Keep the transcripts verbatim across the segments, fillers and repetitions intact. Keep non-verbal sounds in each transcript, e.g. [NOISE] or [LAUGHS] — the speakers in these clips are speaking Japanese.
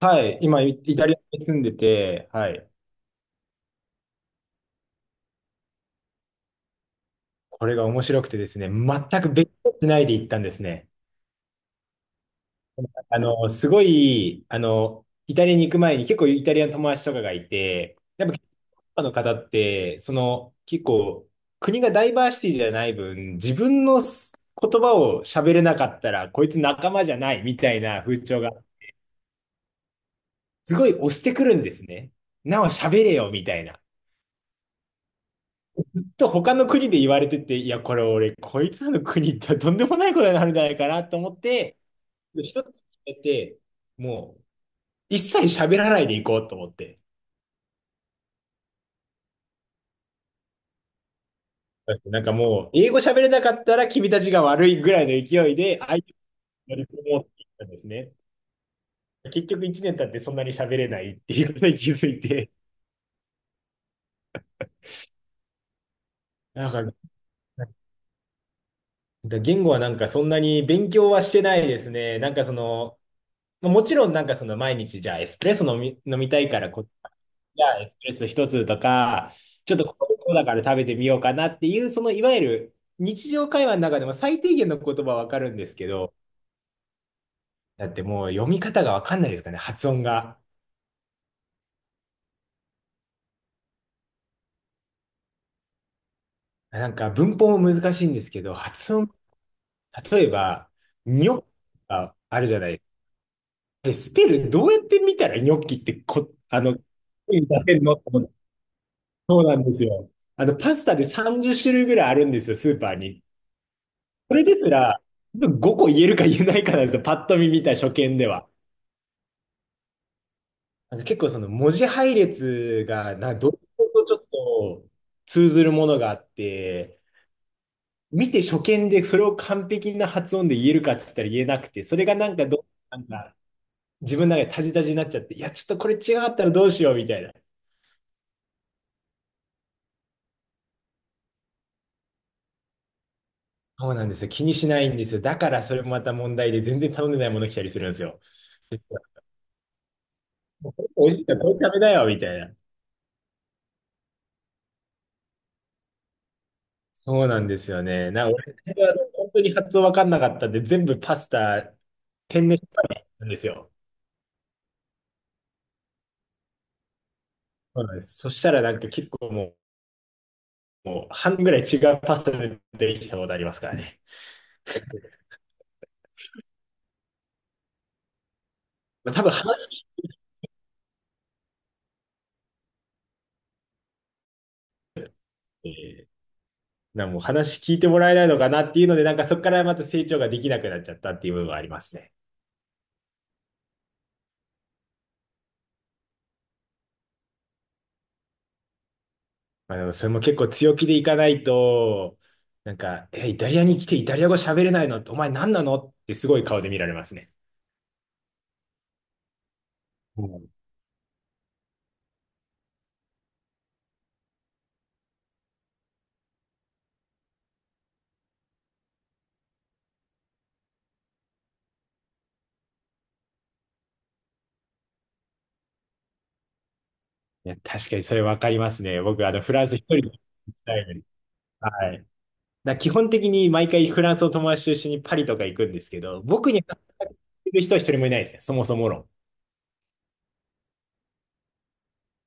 はい。今、イイタリアに住んでて、はい。これが面白くてですね、全く別居しないで行ったんですね。あの、すごい、あの、イタリアに行く前に結構イタリアの友達とかがいて、やっぱヨーロッパの方って、その、結構、国がダイバーシティじゃない分、自分のす言葉を喋れなかったら、こいつ仲間じゃないみたいな風潮が、すごい押してくるんですね。なお喋れよみたいな。と他の国で言われてて、いや、これ俺、こいつらの国行ったらとんでもないことになるんじゃないかなと思って、で一つ決めて、もう、一切喋らないで行こうと思って。なんかもう、英語喋れなかったら君たちが悪いぐらいの勢いで、相手に乗り込もうって言ったんですね。結局一年経ってそんなに喋れないっていうことに気づいて、なんか、なんか言語はなんかそんなに勉強はしてないですね。なんかその、もちろんなんかその毎日じゃあエスプレッソ飲み、飲みたいからこっちじゃあエスプレッソ一つとか、ちょっとこうだから食べてみようかなっていう、そのいわゆる日常会話の中でも最低限の言葉はわかるんですけど、だってもう読み方がわかんないですかね、発音が。なんか文法も難しいんですけど、発音、例えば、ニョッキがあるじゃない。え、スペルどうやって見たらニョッキってこ、あの、出せるのと思って、そうなんですよ。あの、パスタでさんじゅう種類ぐらいあるんですよ、スーパーに。それですら、ごこ言えるか言えないかなんですよ。パッと見見た初見では。なんか結構その文字配列が、な、どことちょっと通ずるものがあって、見て初見でそれを完璧な発音で言えるかって言ったら言えなくて、それがなんかどう、なんか自分の中でタジタジになっちゃって、いや、ちょっとこれ違かったらどうしようみたいな。そうなんですよ。気にしないんですよ。だからそれもまた問題で全然頼んでないもの来たりするんですよ。美味しいからこれ食べなよみたいな。そうなんですよね。な、俺、あの本当に発音わかんなかったんで、全部パスタ、ペンネしてたんですよ。そうなんです。そしたらなんか結構もう、もう半分ぐらい違うパスタでできたことありますからね。まあ、多分話聞いて、な、もう話聞いてもらえないのかなっていうので、なんかそこからまた成長ができなくなっちゃったっていう部分はありますね。まあでもそれも結構強気でいかないと、なんか、え、イタリアに来てイタリア語喋れないのってお前何なのってすごい顔で見られますね。いや、確かにそれわかりますね。僕、あの、フランス一人で行きたいです。はい。だから基本的に毎回フランスの友達と一緒にパリとか行くんですけど、僕に話しかけてる人は一人もいないですね。そもそも論。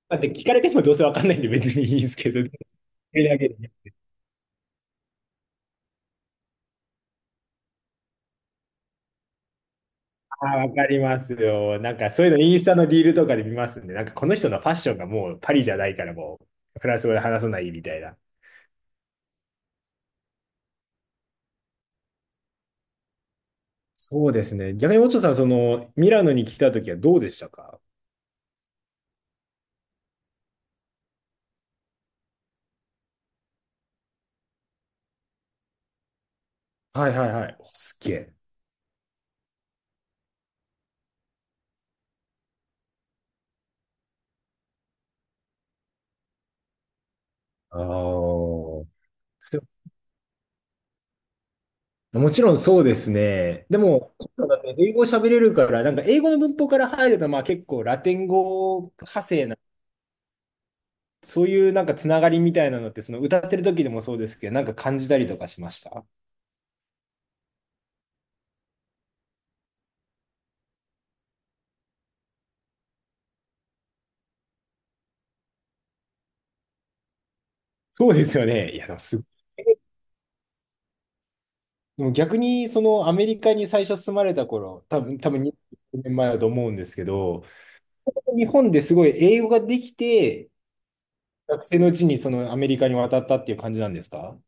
だって聞かれてもどうせわかんないんで別にいいんですけど、それだけでね。ああ、わかりますよ。なんかそういうのインスタのリールとかで見ますんで、なんかこの人のファッションがもうパリじゃないからもうフランス語で話さないみたいな。そうですね。逆に、オチョさん、その、ミラノに来た時はどうでしたか？はいはいはい。おすっげえ。ああ。もちろんそうですね。でも、だって英語喋れるから、なんか英語の文法から入ると、まあ結構ラテン語派生な、そういうなんかつながりみたいなのって、その歌ってる時でもそうですけど、なんか感じたりとかしました。そうですよね。いや、[LAUGHS] でもすごい。でも逆に、そのアメリカに最初住まれた頃、多分、多分にじゅうねんまえだと思うんですけど、日本ですごい英語ができて、学生のうちにそのアメリカに渡ったっていう感じなんですか？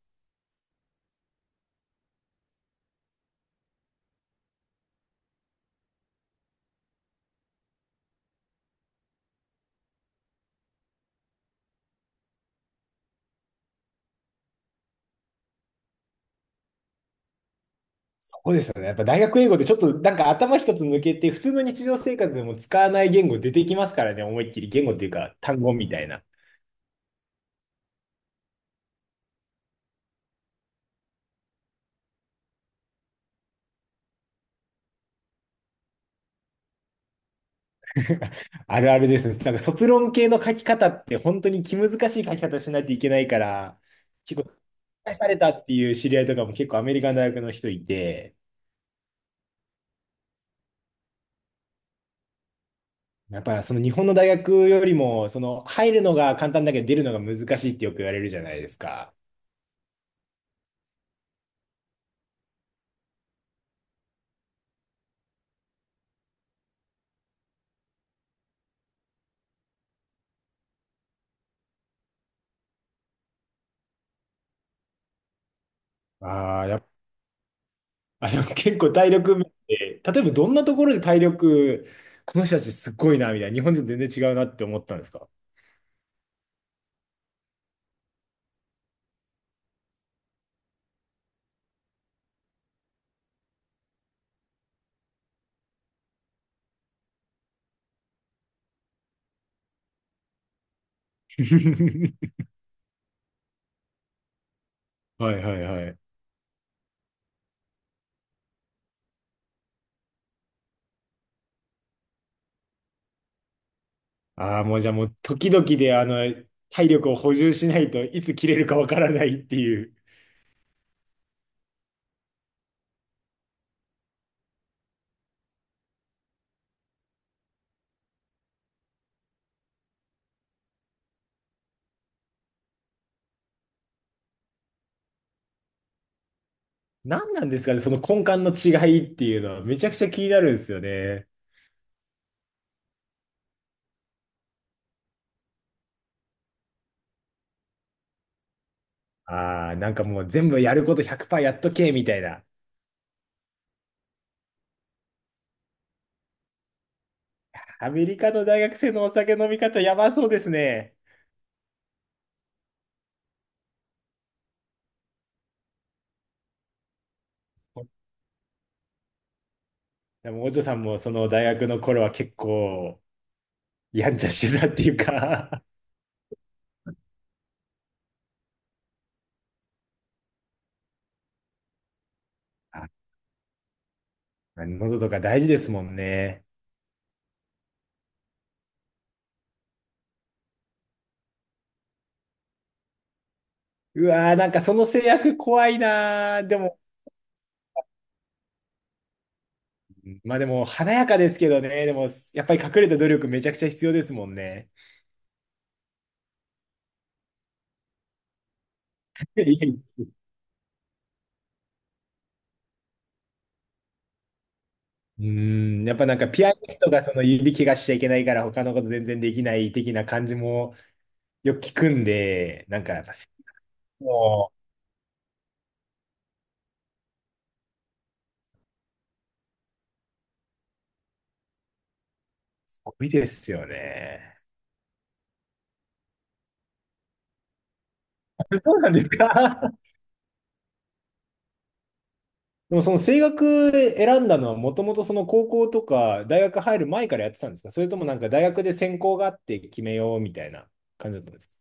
そうですよね。やっぱ大学英語でちょっとなんか頭一つ抜けて、普通の日常生活でも使わない言語出てきますからね、思いっきり言語っていうか単語みたいな。[LAUGHS] あるあるですね。なんか卒論系の書き方って本当に気難しい書き方しないといけないから、結構、されたっていう知り合いとかも結構アメリカの大学の人いて、やっぱその日本の大学よりも、その入るのが簡単だけど出るのが難しいってよく言われるじゃないですか。ああ、やあの、結構体力面で、例えばどんなところで体力、この人たちすっごいな、みたいな、日本人全然違うなって思ったんですか？ [LAUGHS] はいはいはい。ああ、もうじゃあもう時々であの、体力を補充しないといつ切れるかわからないっていう。何なんですかね、その根幹の違いっていうのはめちゃくちゃ気になるんですよね。ああ、なんかもう全部やることひゃくパーセントやっとけ、みたいな。アメリカの大学生のお酒飲み方やばそうですね。でも、お嬢さんもその大学の頃は結構、やんちゃしてたっていうか？ [LAUGHS] あ、喉とか大事ですもんね。うわー、なんかその制約怖いなー。でも、まあでも、華やかですけどね。でも、やっぱり隠れた努力めちゃくちゃ必要ですもんね。[LAUGHS] いやいや、うーん、やっぱなんかピアニストがその指怪我しちゃいけないから他のこと全然できない的な感じもよく聞くんで、なんかやっぱもうすごいですよね。[LAUGHS] そうなんですか？でもその声楽選んだのはもともとその高校とか大学入る前からやってたんですか？それともなんか大学で専攻があって決めようみたいな感じだったんですか？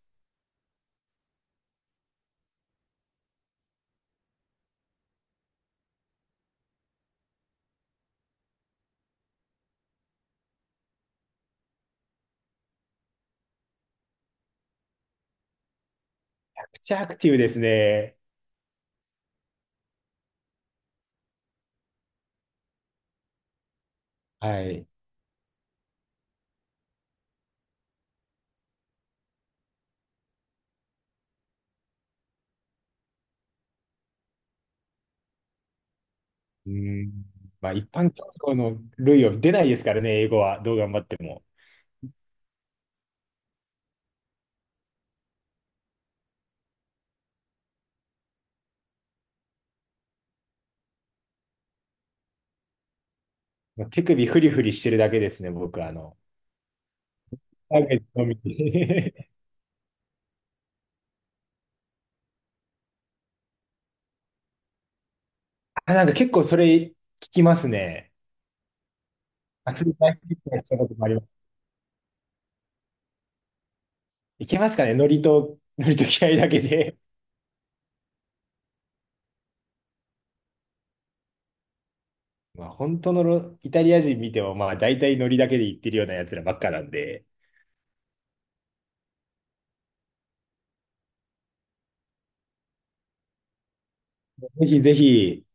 めちゃくちゃアクティブですね。はい。うん。まあ一般教養の類を出ないですからね、英語は。どう頑張っても。手首フリフリしてるだけですね、僕はあの。ターゲットのみ [LAUGHS] あ、なんか結構それ聞きますね。アスリートしたこともあります。いけますかねノリと、[LAUGHS] ノリと気合だけで。まあ、本当のロイタリア人見ても、まあ、大体ノリだけで言ってるようなやつらばっかなんで、ぜひぜひ、